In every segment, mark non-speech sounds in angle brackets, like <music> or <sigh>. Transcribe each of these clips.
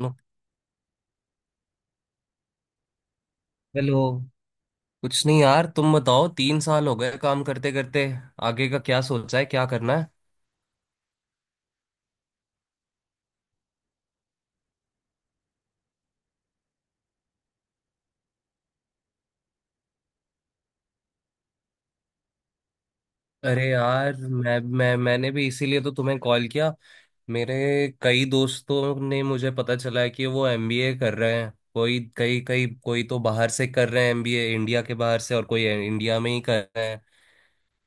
No, hello. कुछ नहीं यार, तुम बताओ। 3 साल हो गए काम करते करते, आगे का क्या सोचा है, क्या करना है? अरे यार, मैंने भी इसीलिए तो तुम्हें कॉल किया। मेरे कई दोस्तों ने मुझे पता चला है कि वो एमबीए कर रहे हैं। कोई, कई कई, कोई तो बाहर से कर रहे हैं एमबीए, इंडिया के बाहर से, और कोई इंडिया में ही कर रहे हैं।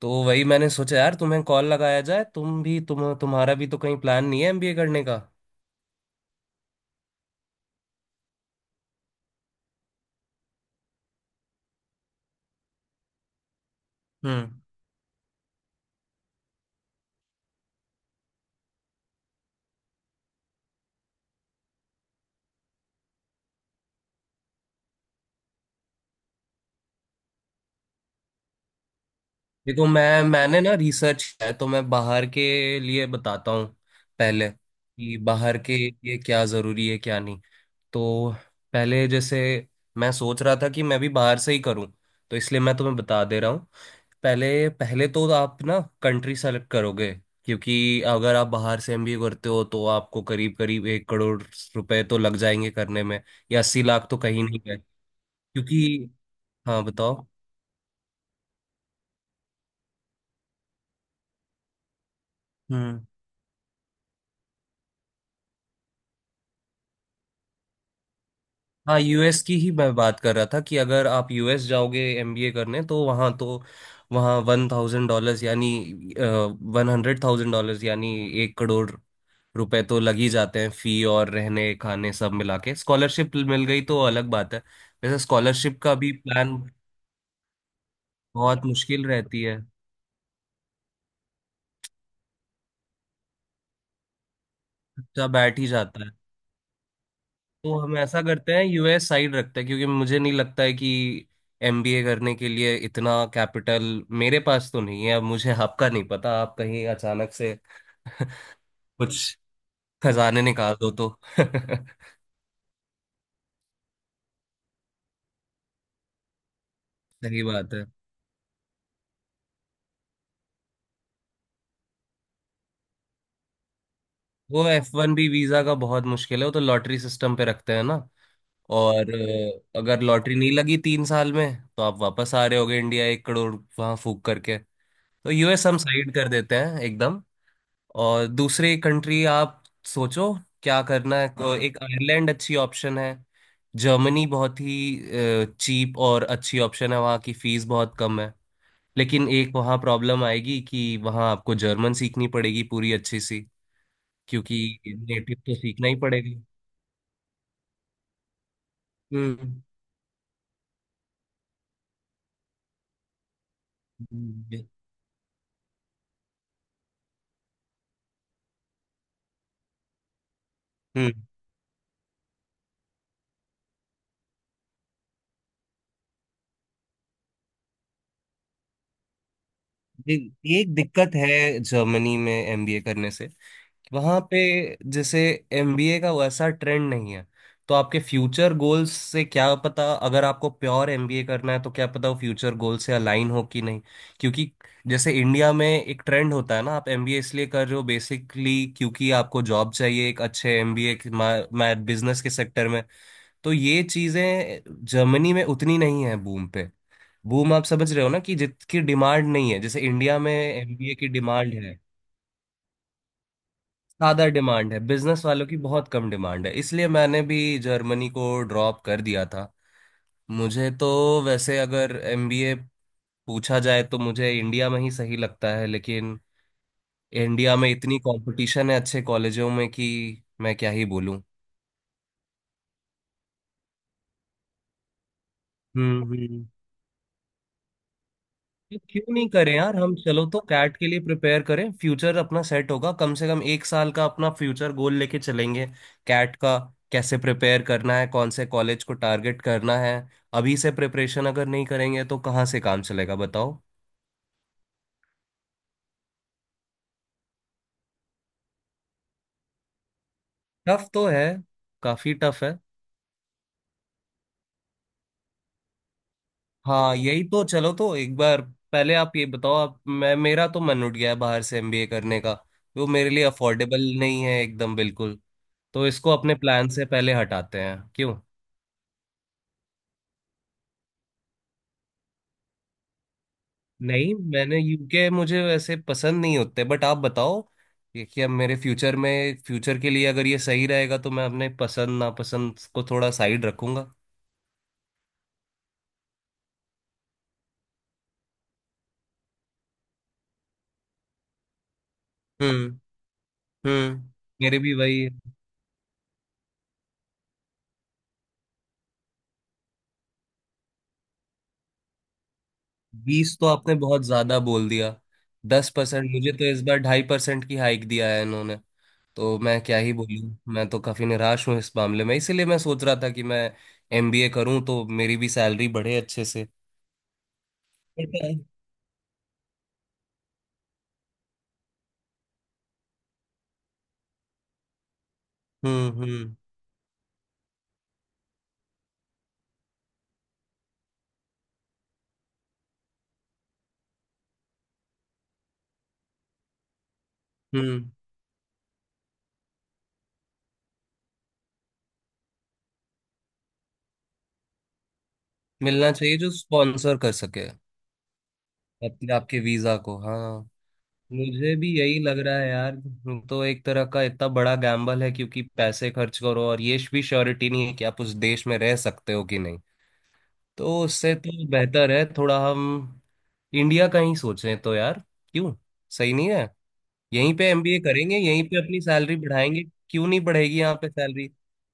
तो वही मैंने सोचा यार, तुम्हें कॉल लगाया जाए। तुम भी, तुम्हारा भी तो कहीं प्लान नहीं है एमबीए करने का? हम्म। देखो, मैंने ना रिसर्च किया है, तो मैं बाहर के लिए बताता हूँ पहले, कि बाहर के लिए क्या ज़रूरी है क्या नहीं। तो पहले, जैसे मैं सोच रहा था कि मैं भी बाहर से ही करूँ, तो इसलिए मैं तुम्हें बता दे रहा हूँ। पहले पहले तो आप ना कंट्री सेलेक्ट करोगे, क्योंकि अगर आप बाहर से एमबीए करते हो तो आपको करीब करीब 1 करोड़ रुपए तो लग जाएंगे करने में, या 80 लाख तो कहीं नहीं है। क्योंकि हाँ बताओ। हम्म। हाँ, यूएस की ही मैं बात कर रहा था कि अगर आप यूएस जाओगे एमबीए करने तो वहाँ $1,000 यानी $100,000 यानी 1 करोड़ रुपए तो लग ही जाते हैं, फी और रहने खाने सब मिला के। स्कॉलरशिप मिल गई तो अलग बात है। वैसे स्कॉलरशिप का भी प्लान बहुत मुश्किल रहती है, बच्चा बैठ ही जाता है। तो हम ऐसा करते हैं, यूएस साइड रखते हैं, क्योंकि मुझे नहीं लगता है कि एमबीए करने के लिए इतना कैपिटल मेरे पास तो नहीं है। अब मुझे आपका नहीं पता, आप कहीं अचानक से <laughs> कुछ खजाने निकाल दो तो <laughs> सही बात है। वो F1B वीजा का बहुत मुश्किल है, वो तो लॉटरी सिस्टम पे रखते हैं ना। और अगर लॉटरी नहीं लगी 3 साल में, तो आप वापस आ रहे होगे इंडिया, 1 करोड़ वहां फूक करके। तो यूएस हम साइड कर देते हैं एकदम। और दूसरी कंट्री आप सोचो क्या करना है। हाँ, एक आयरलैंड अच्छी ऑप्शन है। जर्मनी बहुत ही चीप और अच्छी ऑप्शन है, वहाँ की फीस बहुत कम है। लेकिन एक वहाँ प्रॉब्लम आएगी, कि वहाँ आपको जर्मन सीखनी पड़ेगी पूरी अच्छी सी, क्योंकि नेटिव तो सीखना ही पड़ेगा। हम्म, हम्म। ये- ये एक दिक्कत है जर्मनी में एमबीए करने से, वहां पे जैसे एमबीए का वैसा ट्रेंड नहीं है। तो आपके फ्यूचर गोल्स से क्या पता, अगर आपको प्योर एमबीए करना है तो क्या पता वो फ्यूचर गोल से अलाइन हो कि नहीं। क्योंकि जैसे इंडिया में एक ट्रेंड होता है ना, आप एमबीए इसलिए कर रहे हो बेसिकली, क्योंकि आपको जॉब चाहिए एक अच्छे एमबीए मैथ बिजनेस के सेक्टर में। तो ये चीजें जर्मनी में उतनी नहीं है बूम पे। बूम आप समझ रहे हो ना, कि जितकी डिमांड नहीं है जैसे इंडिया में एमबीए की डिमांड है। ज्यादा डिमांड है बिजनेस वालों की, बहुत कम डिमांड है, इसलिए मैंने भी जर्मनी को ड्रॉप कर दिया था। मुझे तो वैसे अगर एमबीए पूछा जाए तो मुझे इंडिया में ही सही लगता है, लेकिन इंडिया में इतनी कंपटीशन है अच्छे कॉलेजों में कि मैं क्या ही बोलूं। हम्म, हम्म। तो क्यों नहीं करें यार हम, चलो तो कैट के लिए प्रिपेयर करें। फ्यूचर अपना सेट होगा, कम से कम एक साल का अपना फ्यूचर गोल लेके चलेंगे। कैट का कैसे प्रिपेयर करना है, कौन से कॉलेज को टारगेट करना है। अभी से प्रिपरेशन अगर नहीं करेंगे तो कहाँ से काम चलेगा बताओ। टफ तो है, काफी टफ है। हाँ, यही तो। चलो तो एक बार, पहले आप ये बताओ। आप, मैं, मेरा तो मन उठ गया है बाहर से एमबीए करने का, वो मेरे लिए अफोर्डेबल नहीं है एकदम बिल्कुल। तो इसको अपने प्लान से पहले हटाते हैं, क्यों नहीं? मैंने यूके मुझे वैसे पसंद नहीं होते बट आप बताओ ये, कि अब मेरे फ्यूचर में, फ्यूचर के लिए अगर ये सही रहेगा तो मैं अपने पसंद नापसंद को थोड़ा साइड रखूंगा। हम्म, हम्म। मेरे भी वही है। 20 तो आपने बहुत ज्यादा बोल दिया। 10%। मुझे तो इस बार 2.5% की हाइक दिया है इन्होंने। तो मैं क्या ही बोलूँ, मैं तो काफी निराश हूँ इस मामले में, इसीलिए मैं सोच रहा था कि मैं एमबीए करूँ तो मेरी भी सैलरी बढ़े अच्छे से। बट। हम्म, हम्म, हम्म। मिलना चाहिए जो स्पॉन्सर कर सके, अपने आपके वीजा को। हाँ। मुझे भी यही लग रहा है यार। तो एक तरह का इतना बड़ा गैम्बल है, क्योंकि पैसे खर्च करो और ये भी श्योरिटी नहीं है कि आप उस देश में रह सकते हो कि नहीं। तो उससे तो बेहतर है थोड़ा हम इंडिया का ही सोचें तो यार, क्यों? सही नहीं है? यहीं पे एमबीए करेंगे, यहीं पे अपनी सैलरी बढ़ाएंगे। क्यों नहीं बढ़ेगी यहाँ पे सैलरी?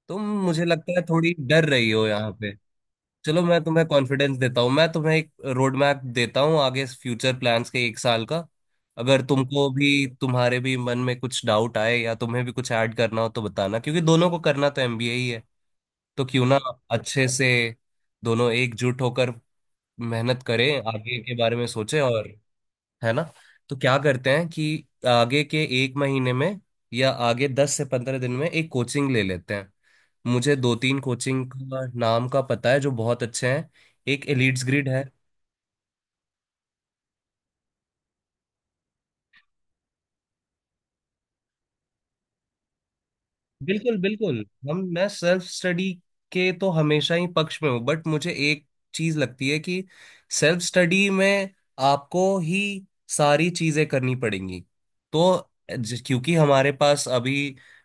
तुम, मुझे लगता है, थोड़ी डर रही हो यहाँ। चलो मैं तुम्हें कॉन्फिडेंस देता हूँ, मैं तुम्हें एक रोड मैप देता हूँ आगे फ्यूचर प्लान्स के एक साल का। अगर तुमको भी, तुम्हारे भी मन में कुछ डाउट आए या तुम्हें भी कुछ ऐड करना हो तो बताना, क्योंकि दोनों को करना तो एमबीए ही है। तो क्यों ना अच्छे से दोनों एकजुट होकर मेहनत करें, आगे के बारे में सोचें। और है ना? तो क्या करते हैं कि आगे के एक महीने में, या आगे 10 से 15 दिन में एक कोचिंग ले लेते हैं। मुझे दो तीन कोचिंग का नाम का पता है जो बहुत अच्छे हैं। एक एलिट्स ग्रिड है। बिल्कुल, बिल्कुल। हम मैं सेल्फ स्टडी के तो हमेशा ही पक्ष में हूँ, बट मुझे एक चीज लगती है कि सेल्फ स्टडी में आपको ही सारी चीजें करनी पड़ेंगी। तो क्योंकि हमारे पास अभी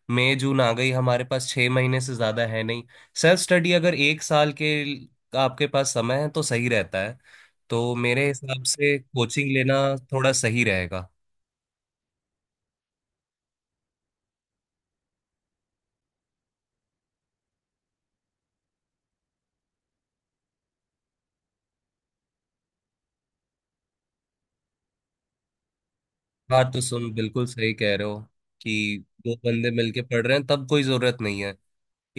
मई जून आ गई, हमारे पास 6 महीने से ज्यादा है नहीं। सेल्फ स्टडी अगर एक साल के आपके पास समय है तो सही रहता है। तो मेरे हिसाब से कोचिंग लेना थोड़ा सही रहेगा। बात तो सुन, बिल्कुल सही कह रहे हो, कि दो बंदे मिलके पढ़ रहे हैं तब कोई जरूरत नहीं है।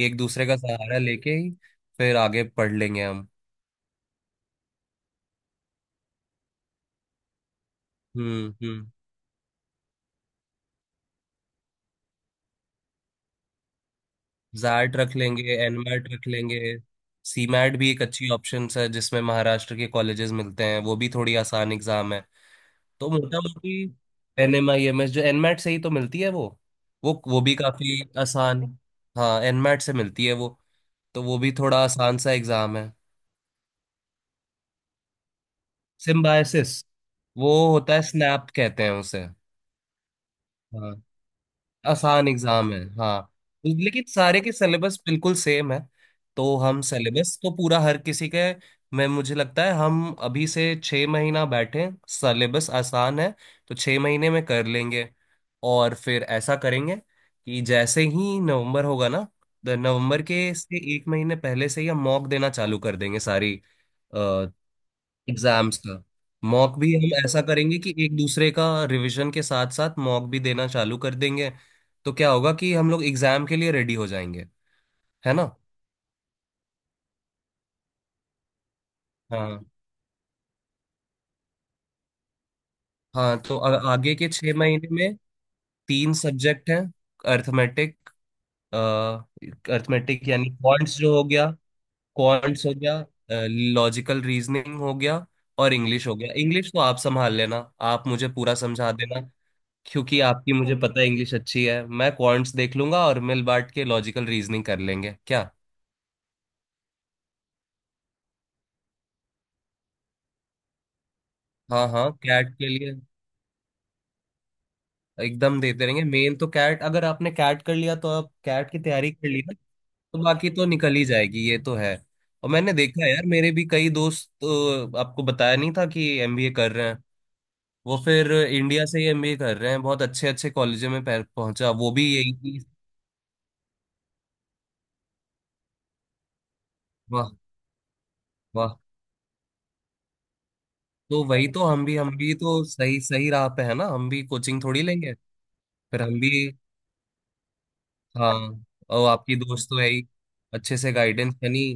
एक दूसरे का सहारा लेके ही फिर आगे पढ़ लेंगे हम। हम्म, हम्म। जैट रख लेंगे, एनमैट रख लेंगे। सीमैट भी एक अच्छी ऑप्शन है जिसमें महाराष्ट्र के कॉलेजेस मिलते हैं, वो भी थोड़ी आसान एग्जाम है। तो मोटा मोटी NMIMS जो एनमैट से ही तो मिलती है, वो भी काफी आसान। हाँ, एनमैट से मिलती है वो। तो वो भी थोड़ा आसान सा एग्जाम है। सिम्बायसिस, वो होता है, स्नैप कहते हैं उसे। हाँ, आसान एग्जाम है हाँ। लेकिन सारे के सिलेबस बिल्कुल सेम है। तो हम सिलेबस तो पूरा हर किसी के, मैं मुझे लगता है हम अभी से 6 महीना बैठे, सिलेबस आसान है तो 6 महीने में कर लेंगे। और फिर ऐसा करेंगे कि जैसे ही नवंबर होगा ना, तो नवंबर के से एक महीने पहले से ही हम मॉक देना चालू कर देंगे सारी एग्जाम्स का। मॉक भी हम ऐसा करेंगे कि एक दूसरे का रिवीजन के साथ साथ मॉक भी देना चालू कर देंगे। तो क्या होगा कि हम लोग एग्जाम के लिए रेडी हो जाएंगे, है ना? हाँ, हाँ। तो आगे के छह महीने में तीन सब्जेक्ट हैं। अर्थमेटिक, अर्थमेटिक यानी क्वांट्स जो हो गया, क्वांट्स हो गया, लॉजिकल रीजनिंग हो गया, और इंग्लिश हो गया। इंग्लिश तो आप संभाल लेना, आप मुझे पूरा समझा देना, क्योंकि आपकी मुझे पता है इंग्लिश अच्छी है। मैं क्वांट्स देख लूंगा और मिल बांट के लॉजिकल रीजनिंग कर लेंगे क्या। हाँ, हाँ, कैट के लिए एकदम देते रहेंगे। मेन तो कैट, अगर आपने कैट कर लिया तो आप कैट की तैयारी कर ली ना, तो बाकी तो निकल ही जाएगी, ये तो है। और मैंने देखा है यार, मेरे भी कई दोस्त तो आपको बताया नहीं था कि एमबीए कर रहे हैं। वो फिर इंडिया से ही एमबीए कर रहे हैं, बहुत अच्छे अच्छे कॉलेजों में पहुंचा, वो भी यही चीज। वाह। वाह, तो वही तो हम भी, हम भी तो सही सही राह पे है ना, हम भी कोचिंग थोड़ी लेंगे। फिर हम भी। हाँ। और आपकी दोस्त तो है ही, अच्छे से गाइडेंस यानी।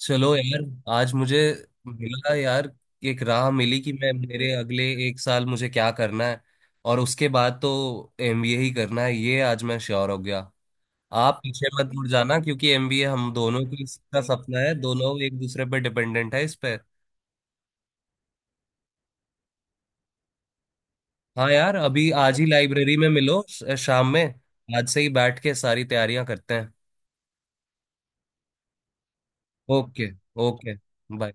चलो यार, आज मुझे मिला यार एक राह, मिली कि मैं, मेरे अगले एक साल मुझे क्या करना है, और उसके बाद तो एमबीए ही करना है, ये आज मैं श्योर हो गया। आप पीछे मत मुड़ जाना, क्योंकि एमबीए हम दोनों की का सपना है, दोनों एक दूसरे पर डिपेंडेंट है इस पे। हाँ यार, अभी आज ही लाइब्रेरी में मिलो शाम में। आज से ही बैठ के सारी तैयारियां करते हैं। ओके। Okay, bye.